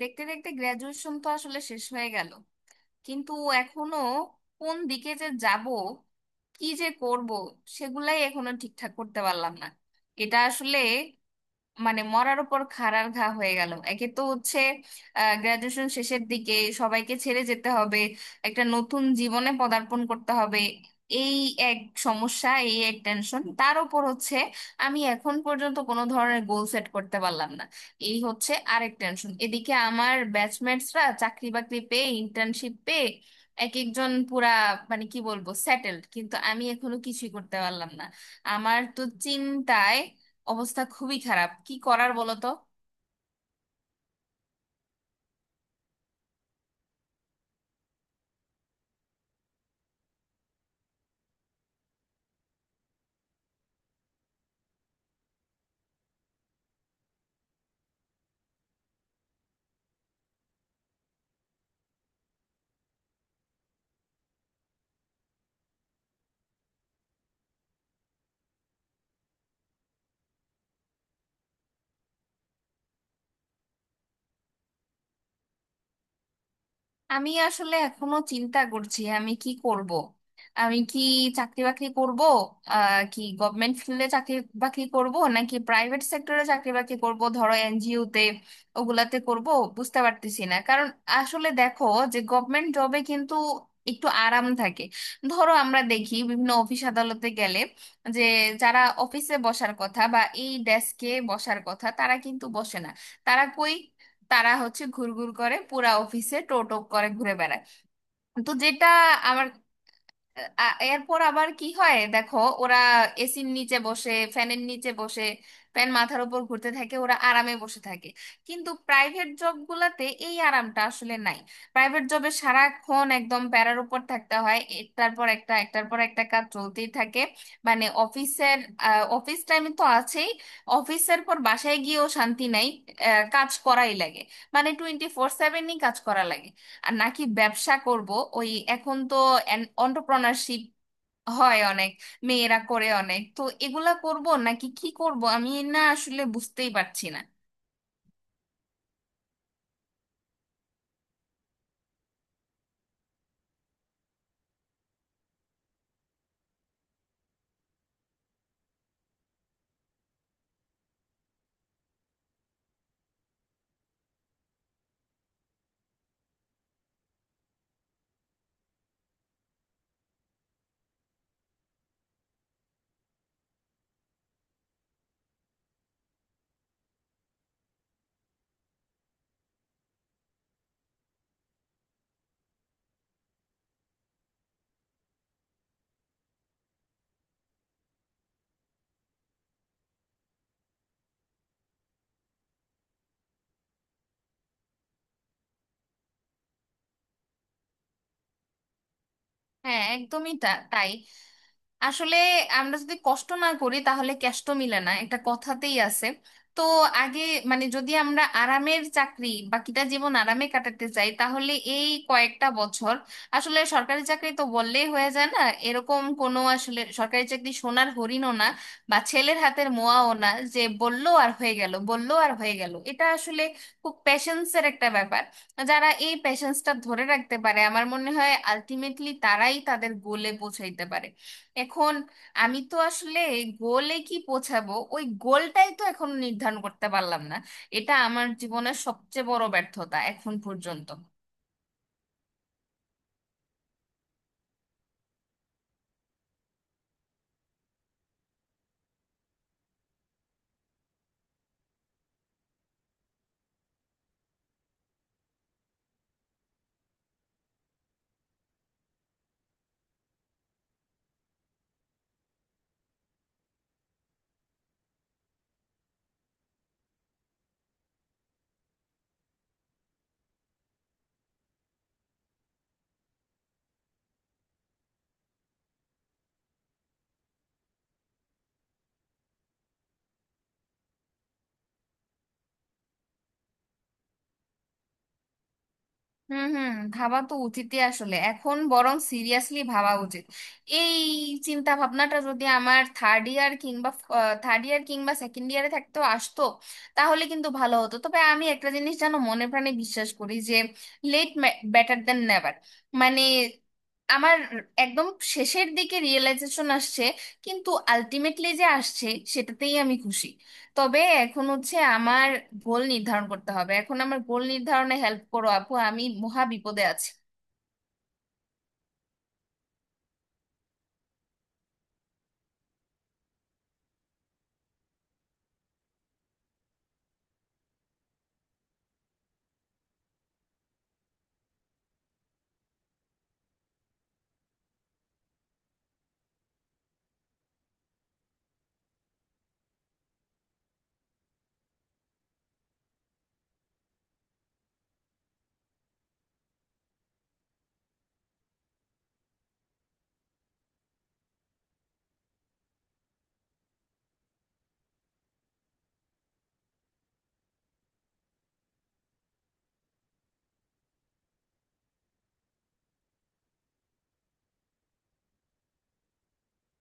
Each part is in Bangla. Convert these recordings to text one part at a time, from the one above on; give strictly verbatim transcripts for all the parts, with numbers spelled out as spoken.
দেখতে দেখতে গ্র্যাজুয়েশন তো আসলে শেষ হয়ে গেল, কিন্তু এখনো কোন দিকে যে যাব, কি যে করব সেগুলাই এখনো ঠিকঠাক করতে পারলাম না। এটা আসলে মানে মরার উপর খাড়ার ঘা হয়ে গেল। একে তো হচ্ছে গ্রাজুয়েশন শেষের দিকে সবাইকে ছেড়ে যেতে হবে, একটা নতুন জীবনে পদার্পণ করতে হবে, এই এক সমস্যা। এই এক টেনশন, তার উপর হচ্ছে আমি এখন পর্যন্ত কোনো ধরনের গোল সেট করতে পারলাম না, এই হচ্ছে আরেক টেনশন। এদিকে আমার ব্যাচমেটসরা চাকরি বাকরি পেয়ে, ইন্টার্নশিপ পেয়ে এক একজন পুরা মানে কি বলবো সেটেলড, কিন্তু আমি এখনো কিছুই করতে পারলাম না। আমার তো চিন্তায় অবস্থা খুবই খারাপ। কি করার বলো তো? আমি আসলে এখনো চিন্তা করছি আমি কি করব। আমি কি চাকরি বাকরি করব, আহ কি গভর্নমেন্ট ফিল্ডে চাকরি বাকরি করব নাকি প্রাইভেট সেক্টরে চাকরি বাকরি করব, ধরো এনজিওতে ওগুলাতে করব, বুঝতে পারতেছি না। কারণ আসলে দেখো যে গভর্নমেন্ট জবে কিন্তু একটু আরাম থাকে। ধরো আমরা দেখি বিভিন্ন অফিস আদালতে গেলে যে যারা অফিসে বসার কথা বা এই ডেস্কে বসার কথা তারা কিন্তু বসে না। তারা কই? তারা হচ্ছে ঘুরঘুর করে, পুরা অফিসে টোটো করে ঘুরে বেড়ায়। তো যেটা আমার আ- এরপর আবার কি হয় দেখো, ওরা এসির নিচে বসে, ফ্যানের নিচে বসে, ফ্যান মাথার উপর ঘুরতে থাকে, ওরা আরামে বসে থাকে। কিন্তু প্রাইভেট জব গুলাতে এই আরামটা আসলে নাই। প্রাইভেট জবে সারাক্ষণ একদম প্যারার উপর থাকতে হয়, একটার পর একটা একটার পর একটা কাজ চলতেই থাকে। মানে অফিসের অফিস টাইম তো আছেই, অফিসের পর বাসায় গিয়েও শান্তি নাই। আহ, কাজ করাই লাগে, মানে টোয়েন্টি ফোর সেভেনই কাজ করা লাগে। আর নাকি ব্যবসা করব? ওই এখন তো এন্টারপ্রেনারশিপ হয় অনেক, মেয়েরা করে অনেক, তো এগুলা করব নাকি কি করব, আমি না আসলে বুঝতেই পারছি না। হ্যাঁ, একদমই তা- তাই। আসলে আমরা যদি কষ্ট না করি তাহলে কষ্ট মিলে না, একটা কথাতেই আছে। তো আগে মানে যদি আমরা আরামের চাকরি, বাকিটা জীবন আরামে কাটাতে চাই তাহলে এই কয়েকটা বছর, আসলে সরকারি চাকরি তো বললেই হয়ে যায় না। এরকম কোনো আসলে সরকারি চাকরি সোনার হরিণও না বা ছেলের হাতের মোয়াও না, যে বললো আর হয়ে গেল বললো আর হয়ে গেল। এটা আসলে খুব প্যাশেন্সের একটা ব্যাপার। যারা এই প্যাশেন্সটা ধরে রাখতে পারে আমার মনে হয় আলটিমেটলি তারাই তাদের গোলে পৌঁছাইতে পারে। এখন আমি তো আসলে গোলে কি পৌঁছাবো, ওই গোলটাই তো এখন নির্ধারণ করতে পারলাম না, এটা আমার জীবনের সবচেয়ে বড় ব্যর্থতা এখন পর্যন্ত। হুম হুম, ভাবা তো উচিতই। আসলে এখন বরং সিরিয়াসলি ভাবা উচিত। এই চিন্তা ভাবনাটা যদি আমার থার্ড ইয়ার কিংবা থার্ড ইয়ার কিংবা সেকেন্ড ইয়ারে থাকতো আসতো তাহলে কিন্তু ভালো হতো। তবে আমি একটা জিনিস জানো মনে প্রাণে বিশ্বাস করি যে লেট বেটার দ্যান নেভার। মানে আমার একদম শেষের দিকে রিয়েলাইজেশন আসছে, কিন্তু আলটিমেটলি যে আসছে সেটাতেই আমি খুশি। তবে এখন হচ্ছে আমার গোল নির্ধারণ করতে হবে। এখন আমার গোল নির্ধারণে হেল্প করো আপু, আমি মহা বিপদে আছি।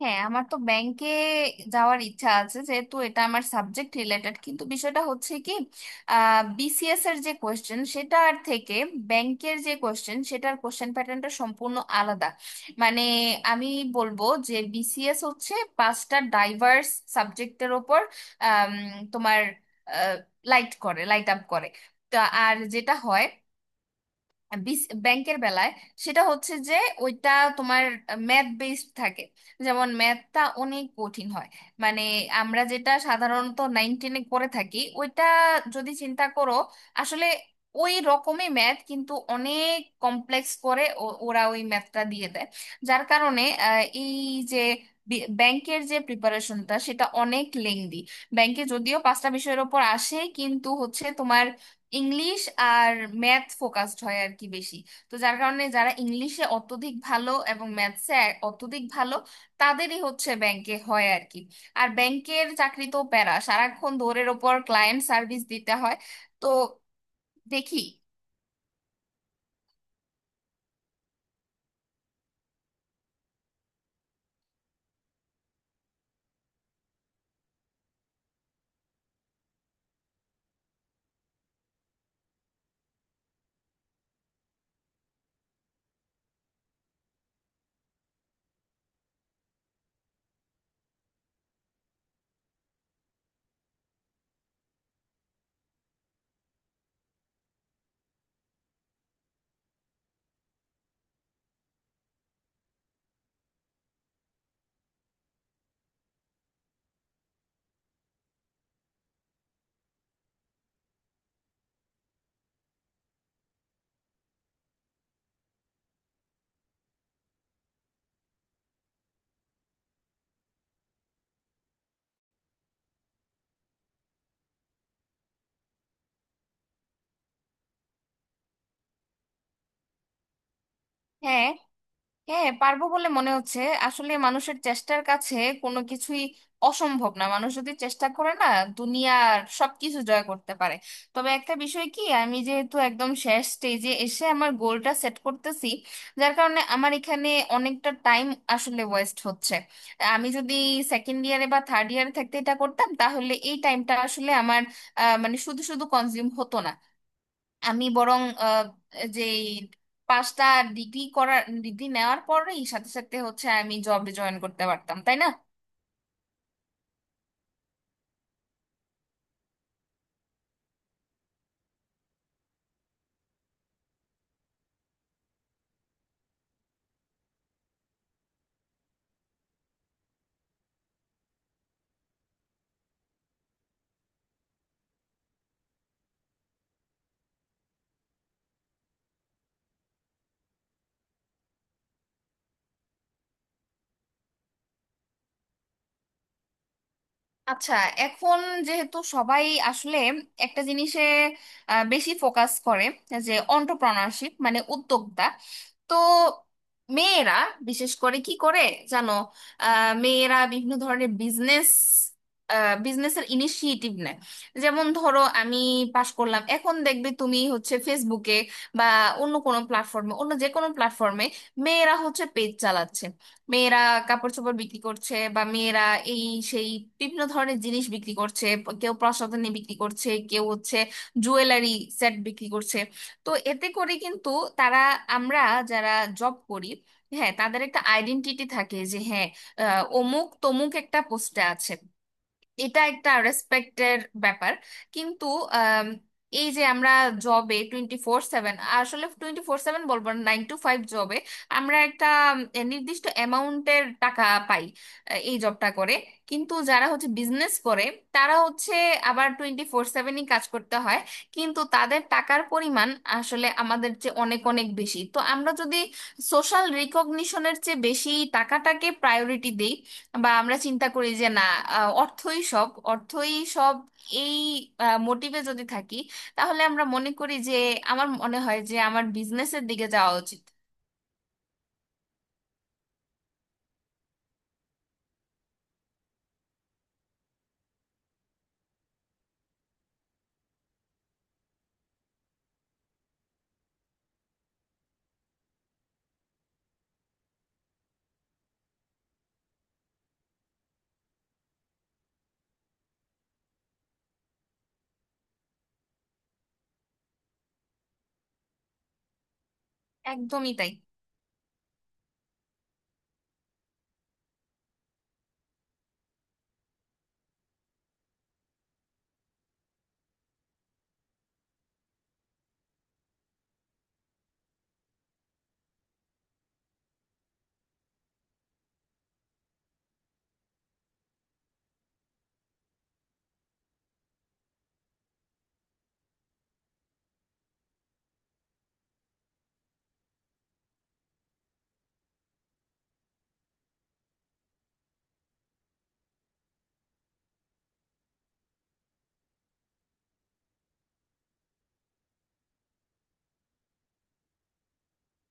হ্যাঁ, আমার তো ব্যাংকে যাওয়ার ইচ্ছা আছে যেহেতু এটা আমার সাবজেক্ট রিলেটেড, কিন্তু বিষয়টা হচ্ছে কি, বিসিএস এর যে কোয়েশ্চেন সেটার থেকে ব্যাংকের যে কোয়েশ্চেন সেটার কোয়েশ্চেন প্যাটার্নটা সম্পূর্ণ আলাদা। মানে আমি বলবো যে বিসিএস হচ্ছে পাঁচটা ডাইভার্স সাবজেক্টের ওপর আম, তোমার লাইট করে লাইট আপ করে তা। আর যেটা হয় বিস- ব্যাংকের বেলায় সেটা হচ্ছে যে ওইটা তোমার ম্যাথ বেসড থাকে। যেমন ম্যাথটা অনেক কঠিন হয় মানে আমরা যেটা সাধারণত নাইন টেনে করে থাকি ওইটা যদি চিন্তা করো, আসলে ওই রকমই ম্যাথ কিন্তু অনেক কমপ্লেক্স করে ও- ওরা ওই ম্যাথটা দিয়ে দেয়। যার কারণে আহ, এই যে বি- ব্যাংকের যে প্রিপারেশনটা সেটা অনেক লেংদি। ব্যাংকে যদিও পাঁচটা বিষয়ের ওপর আসে কিন্তু হচ্ছে তোমার ইংলিশ আর ম্যাথ ফোকাসড হয় আর কি বেশি। তো যার কারণে যারা ইংলিশে অত্যধিক ভালো এবং ম্যাথসে অত্যধিক ভালো তাদেরই হচ্ছে ব্যাংকে হয় আর কি। আর ব্যাংকের চাকরি তো প্যারা, সারাক্ষণ দৌড়ের ওপর, ক্লায়েন্ট সার্ভিস দিতে হয়। তো দেখি। হ্যাঁ হ্যাঁ, পারবো বলে মনে হচ্ছে। আসলে মানুষের চেষ্টার কাছে কোনো কিছুই অসম্ভব না, মানুষ যদি চেষ্টা করে না দুনিয়ার সবকিছু জয় করতে পারে। তবে একটা বিষয় কি, আমি যেহেতু একদম শেষ স্টেজে এসে আমার গোলটা সেট করতেছি, যার কারণে আমার এখানে অনেকটা টাইম আসলে ওয়েস্ট হচ্ছে। আমি যদি সেকেন্ড ইয়ারে বা থার্ড ইয়ারে থাকতে এটা করতাম তাহলে এই টাইমটা আসলে আমার আহ, মানে শুধু শুধু কনজিউম হতো না। আমি বরং আহ, যে পাঁচটা ডিগ্রি করার ডিগ্রি নেওয়ার পরেই সাথে সাথে হচ্ছে আমি জবে জয়েন করতে পারতাম, তাই না? আচ্ছা, এখন যেহেতু সবাই আসলে একটা জিনিসে আহ, বেশি ফোকাস করে যে অন্টারপ্রেনারশিপ মানে উদ্যোক্তা, তো মেয়েরা বিশেষ করে কি করে জানো, আহ, মেয়েরা বিভিন্ন ধরনের বিজনেস বিজনেসের ইনিশিয়েটিভ নেয়। যেমন ধরো আমি পাশ করলাম, এখন দেখবে তুমি হচ্ছে ফেসবুকে বা অন্য কোনো প্ল্যাটফর্মে, অন্য যে কোনো প্ল্যাটফর্মে মেয়েরা হচ্ছে পেজ চালাচ্ছে, মেয়েরা কাপড় চোপড় বিক্রি করছে, বা মেয়েরা এই সেই বিভিন্ন ধরনের জিনিস বিক্রি করছে। কেউ প্রসাধনী বিক্রি করছে, কেউ হচ্ছে জুয়েলারি সেট বিক্রি করছে। তো এতে করে কিন্তু তারা, আমরা যারা জব করি, হ্যাঁ তাদের একটা আইডেন্টিটি থাকে যে হ্যাঁ আহ, অমুক তমুক একটা পোস্টে আছে, এটা একটা রেসপেক্টের ব্যাপার। কিন্তু আম, এই যে আমরা জবে টোয়েন্টি ফোর সেভেন, আসলে টোয়েন্টি ফোর সেভেন বলবো না, নাইন টু ফাইভ জবে আমরা একটা উম, নির্দিষ্ট অ্যামাউন্টের টাকা পাই আহ, এই জবটা করে। কিন্তু যারা হচ্ছে বিজনেস করে তারা হচ্ছে আবার টোয়েন্টি ফোর সেভেনই কাজ করতে হয়, কিন্তু তাদের টাকার পরিমাণ আসলে আমাদের চেয়ে অনেক অনেক বেশি। তো আমরা যদি সোশ্যাল রিকগনিশনের চেয়ে বেশি টাকাটাকে প্রায়োরিটি দিই, বা আমরা চিন্তা করি যে না আহ, অর্থই সব, অর্থই সব, এই মোটিভে যদি থাকি তাহলে আমরা মনে করি যে আমার মনে হয় যে আমার বিজনেসের দিকে যাওয়া উচিত। একদমই তাই।